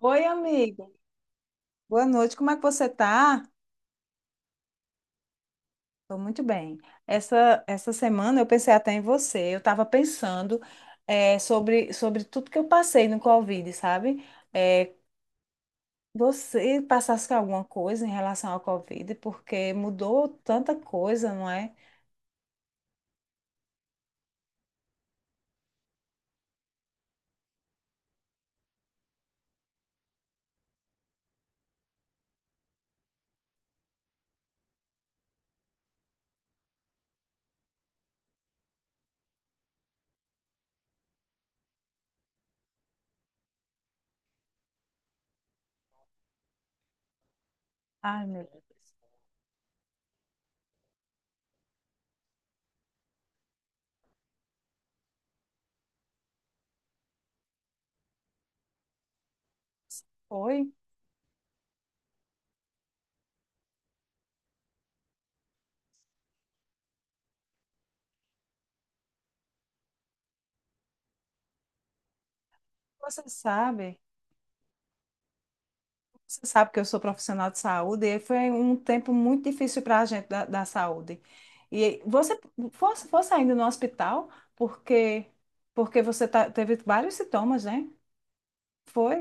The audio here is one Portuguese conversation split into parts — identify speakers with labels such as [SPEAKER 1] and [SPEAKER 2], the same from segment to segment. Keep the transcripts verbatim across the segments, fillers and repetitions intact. [SPEAKER 1] Oi, amiga. Boa noite. Como é que você tá? Tô muito bem. Essa, essa semana eu pensei até em você. Eu estava pensando eh, sobre, sobre tudo que eu passei no Covid, sabe? Eh, você passasse com alguma coisa em relação ao Covid, porque mudou tanta coisa, não é? Ai, meu Deus. Foi? Você sabe? Você sabe que eu sou profissional de saúde e foi um tempo muito difícil para a gente da, da saúde. E você fosse, fosse ainda no hospital porque porque você tá- teve vários sintomas, né? Foi.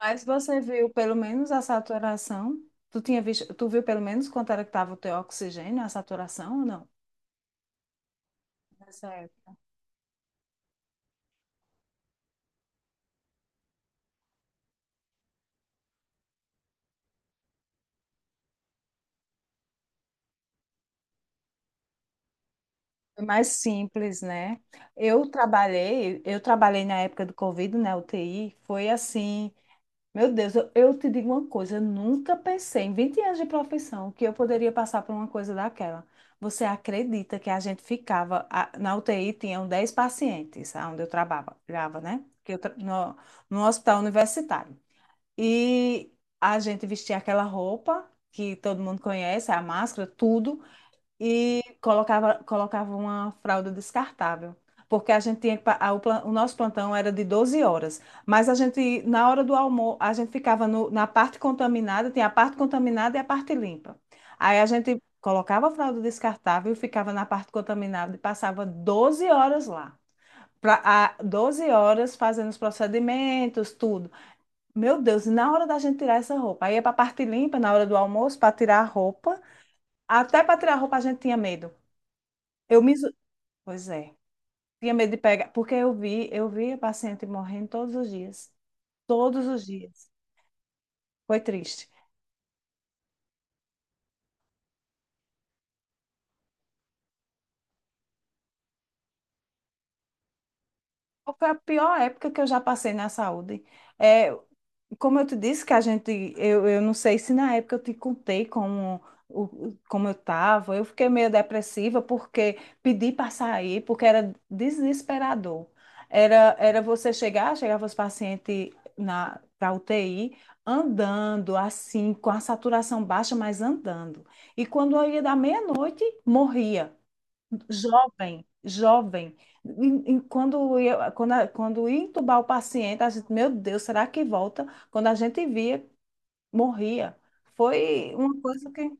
[SPEAKER 1] Mas você viu pelo menos a saturação? Tu tinha visto, tu viu pelo menos quanto era que estava o teu oxigênio, a saturação ou não? Nessa época. Foi mais simples, né? Eu trabalhei, eu trabalhei na época do Covid, na U T I, foi assim. Meu Deus, eu, eu te digo uma coisa, eu nunca pensei em vinte anos de profissão que eu poderia passar por uma coisa daquela. Você acredita que a gente ficava, a- na U T I tinham dez pacientes, onde eu trabalhava, trabalhava, né? Que eu, tra- no, no hospital universitário. E a gente vestia aquela roupa que todo mundo conhece, a máscara, tudo, e colocava, colocava uma fralda descartável. Porque a gente tinha, que pa- a- o, plan- o nosso plantão era de doze horas, mas a gente, na hora do almoço, a gente ficava no- na parte contaminada, tinha a parte contaminada e a parte limpa. Aí a gente colocava a fralda descartável e ficava na parte contaminada e passava doze horas lá. Pra, a, doze horas fazendo os procedimentos, tudo. Meu Deus, e na hora da gente tirar essa roupa, aí ia para a parte limpa, na hora do almoço, para tirar a roupa. Até para tirar a roupa a gente tinha medo. Eu me... iso-. Pois é. Tinha medo de pegar, porque eu vi, eu vi a paciente morrendo todos os dias. Todos os dias. Foi triste. Foi a pior época que eu já passei na saúde. É, como eu te disse que a gente, eu, eu não sei se na época eu te contei como, o, como eu estava, eu fiquei meio depressiva porque pedi para sair, porque era desesperador. Era, era você chegar, chegava os pacientes na para U T I andando assim, com a saturação baixa, mas andando. E quando eu ia da meia-noite, morria. Jovem, jovem. E- e quando ia, quando, a- quando ia entubar o paciente, a gente, meu Deus, será que volta? Quando a gente via, morria. Foi uma coisa que.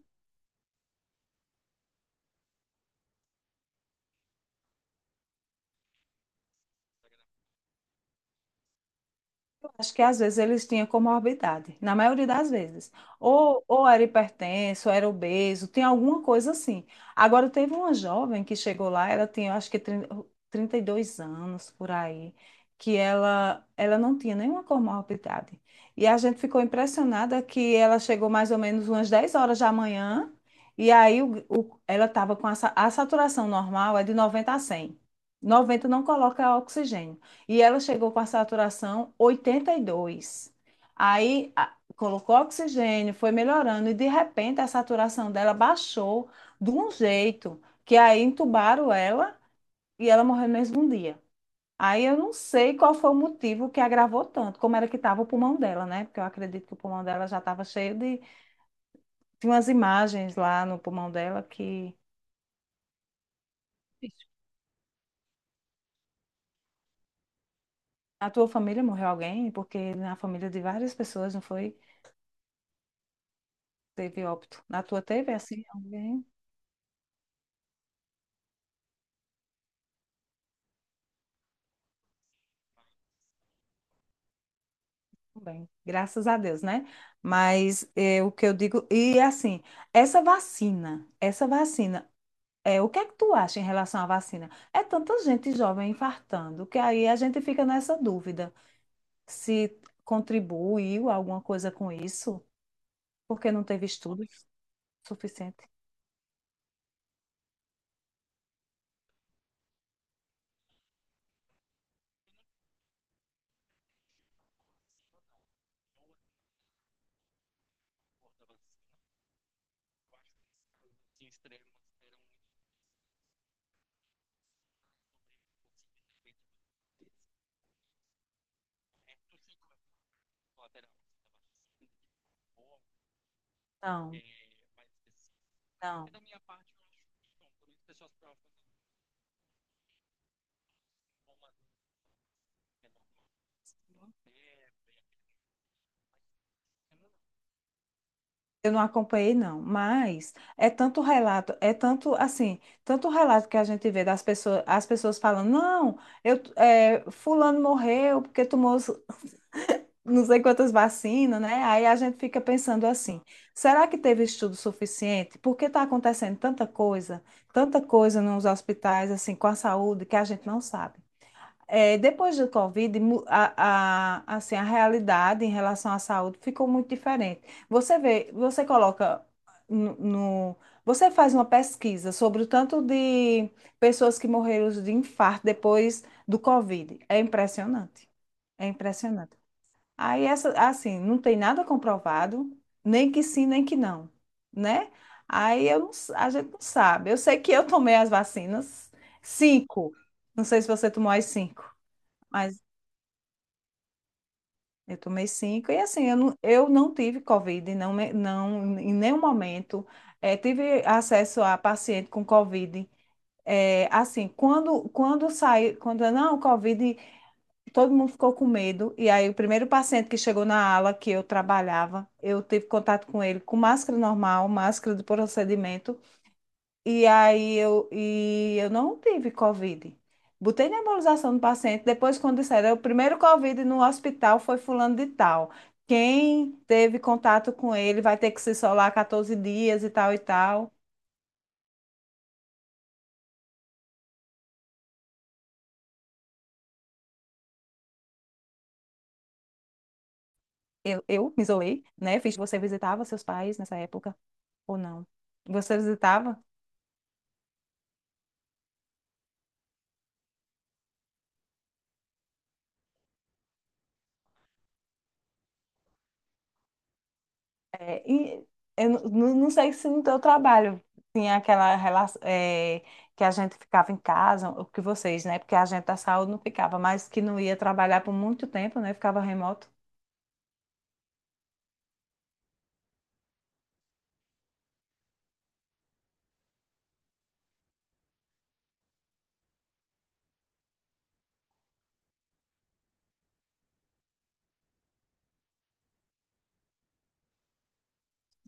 [SPEAKER 1] Acho que às vezes eles tinham comorbidade, na maioria das vezes. Ou, ou era hipertenso, ou era obeso, tem alguma coisa assim. Agora, teve uma jovem que chegou lá, ela tinha, acho que trinta trinta e dois anos por aí, que ela, ela não tinha nenhuma comorbidade. E a gente ficou impressionada que ela chegou mais ou menos umas dez horas da manhã, e aí o- o- ela estava com a, sa- a saturação normal é de noventa a cem. noventa não coloca oxigênio. E ela chegou com a saturação oitenta e dois. Aí a- colocou oxigênio, foi melhorando e de repente a saturação dela baixou de um jeito que aí entubaram ela e ela morreu no mesmo dia. Aí eu não sei qual foi o motivo que agravou tanto, como era que estava o pulmão dela, né? Porque eu acredito que o pulmão dela já estava cheio de. Tinha umas imagens lá no pulmão dela que. Na tua família morreu alguém? Porque na família de várias pessoas, não foi? Teve óbito. Na tua teve assim alguém? Bem, graças a Deus, né? Mas é, o que eu digo, e assim, essa vacina, essa vacina, é, o que é que tu acha em relação à vacina? É tanta gente jovem infartando, que aí a gente fica nessa dúvida se contribuiu alguma coisa com isso, porque não teve estudo suficiente. Não, não. Eu não acompanhei, não, mas é tanto relato, é tanto assim, tanto relato que a gente vê das pessoas, as pessoas falando, não, eu, é, fulano morreu porque tomou os- não sei quantas vacinas, né? Aí a gente fica pensando assim, será que teve estudo suficiente? Porque está acontecendo tanta coisa, tanta coisa nos hospitais, assim, com a saúde, que a gente não sabe. É, depois do Covid, mu- a, a- assim, a realidade em relação à saúde ficou muito diferente. Você vê, você coloca no, no- você faz uma pesquisa sobre o tanto de pessoas que morreram de infarto depois do Covid. É impressionante. É impressionante. Aí, essa, assim, não tem nada comprovado, nem que sim, nem que não, né? Aí eu não s- a gente não sabe. Eu sei que eu tomei as vacinas, cinco. Não sei se você tomou as cinco. Eu tomei cinco e assim, eu não, eu não tive Covid, não, me- não, em nenhum momento. Eh, tive acesso a paciente com Covid. Eh, assim, quando, quando saiu, quando não, Covid, todo mundo ficou com medo. E aí, o primeiro paciente que chegou na ala que eu trabalhava, eu tive contato com ele com máscara normal, máscara de procedimento. E aí eu, e eu não tive Covid. Botei nebulização no paciente. Depois, quando disseram, o primeiro Covid no hospital foi fulano de tal. Quem teve contato com ele vai ter que se isolar quatorze dias e tal e tal. Eu, eu me isolei, né? Fiz, você visitava seus pais nessa época ou não? Você visitava? É, e eu não, não- não sei se no teu trabalho tinha aquela relação é, que a gente ficava em casa, o que vocês, né? Porque a gente da saúde não ficava, mas que não ia trabalhar por muito tempo, né? Ficava remoto.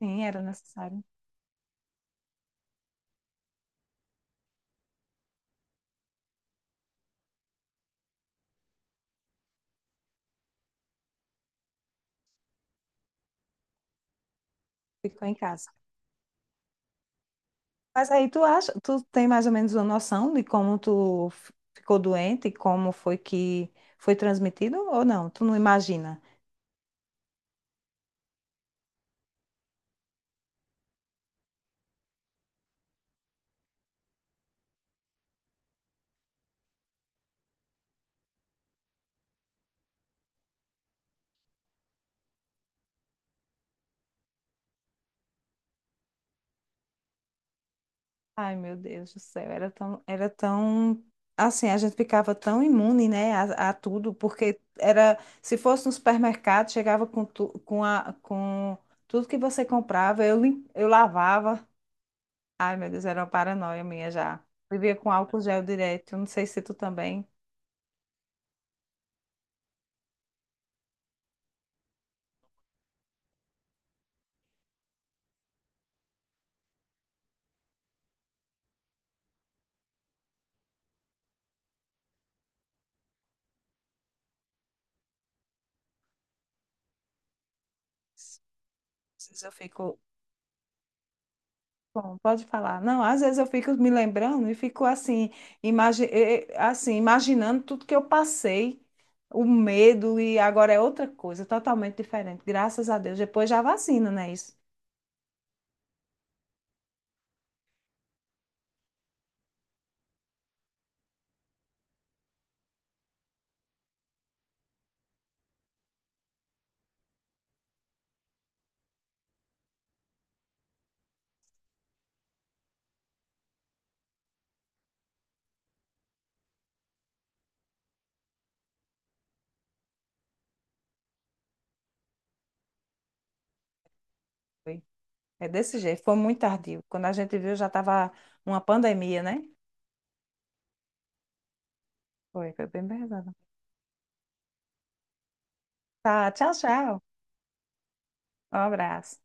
[SPEAKER 1] Sim, era necessário. Ficou em casa. Mas aí tu acha, tu tem mais ou menos uma noção de como tu f- ficou doente e como foi que foi transmitido ou não? Tu não imagina? Ai, meu Deus do céu, era tão, era tão, assim, a gente ficava tão imune, né, a, a tudo, porque era, se fosse no supermercado, chegava com, tu, com, a, com tudo que você comprava, eu, lim- eu lavava. Ai, meu Deus, era uma paranoia minha já. Vivia com álcool gel direto, não sei se tu também. Às vezes eu fico. Bom, pode falar. Não, às vezes eu fico me lembrando e fico assim, imagi eh, assim, imaginando tudo que eu passei, o medo, e agora é outra coisa, totalmente diferente. Graças a Deus, depois já vacina, né? Isso foi. É desse jeito, foi muito tardio. Quando a gente viu, já estava uma pandemia, né? Foi, foi bem pesado. Tá, tchau, tchau. Um abraço.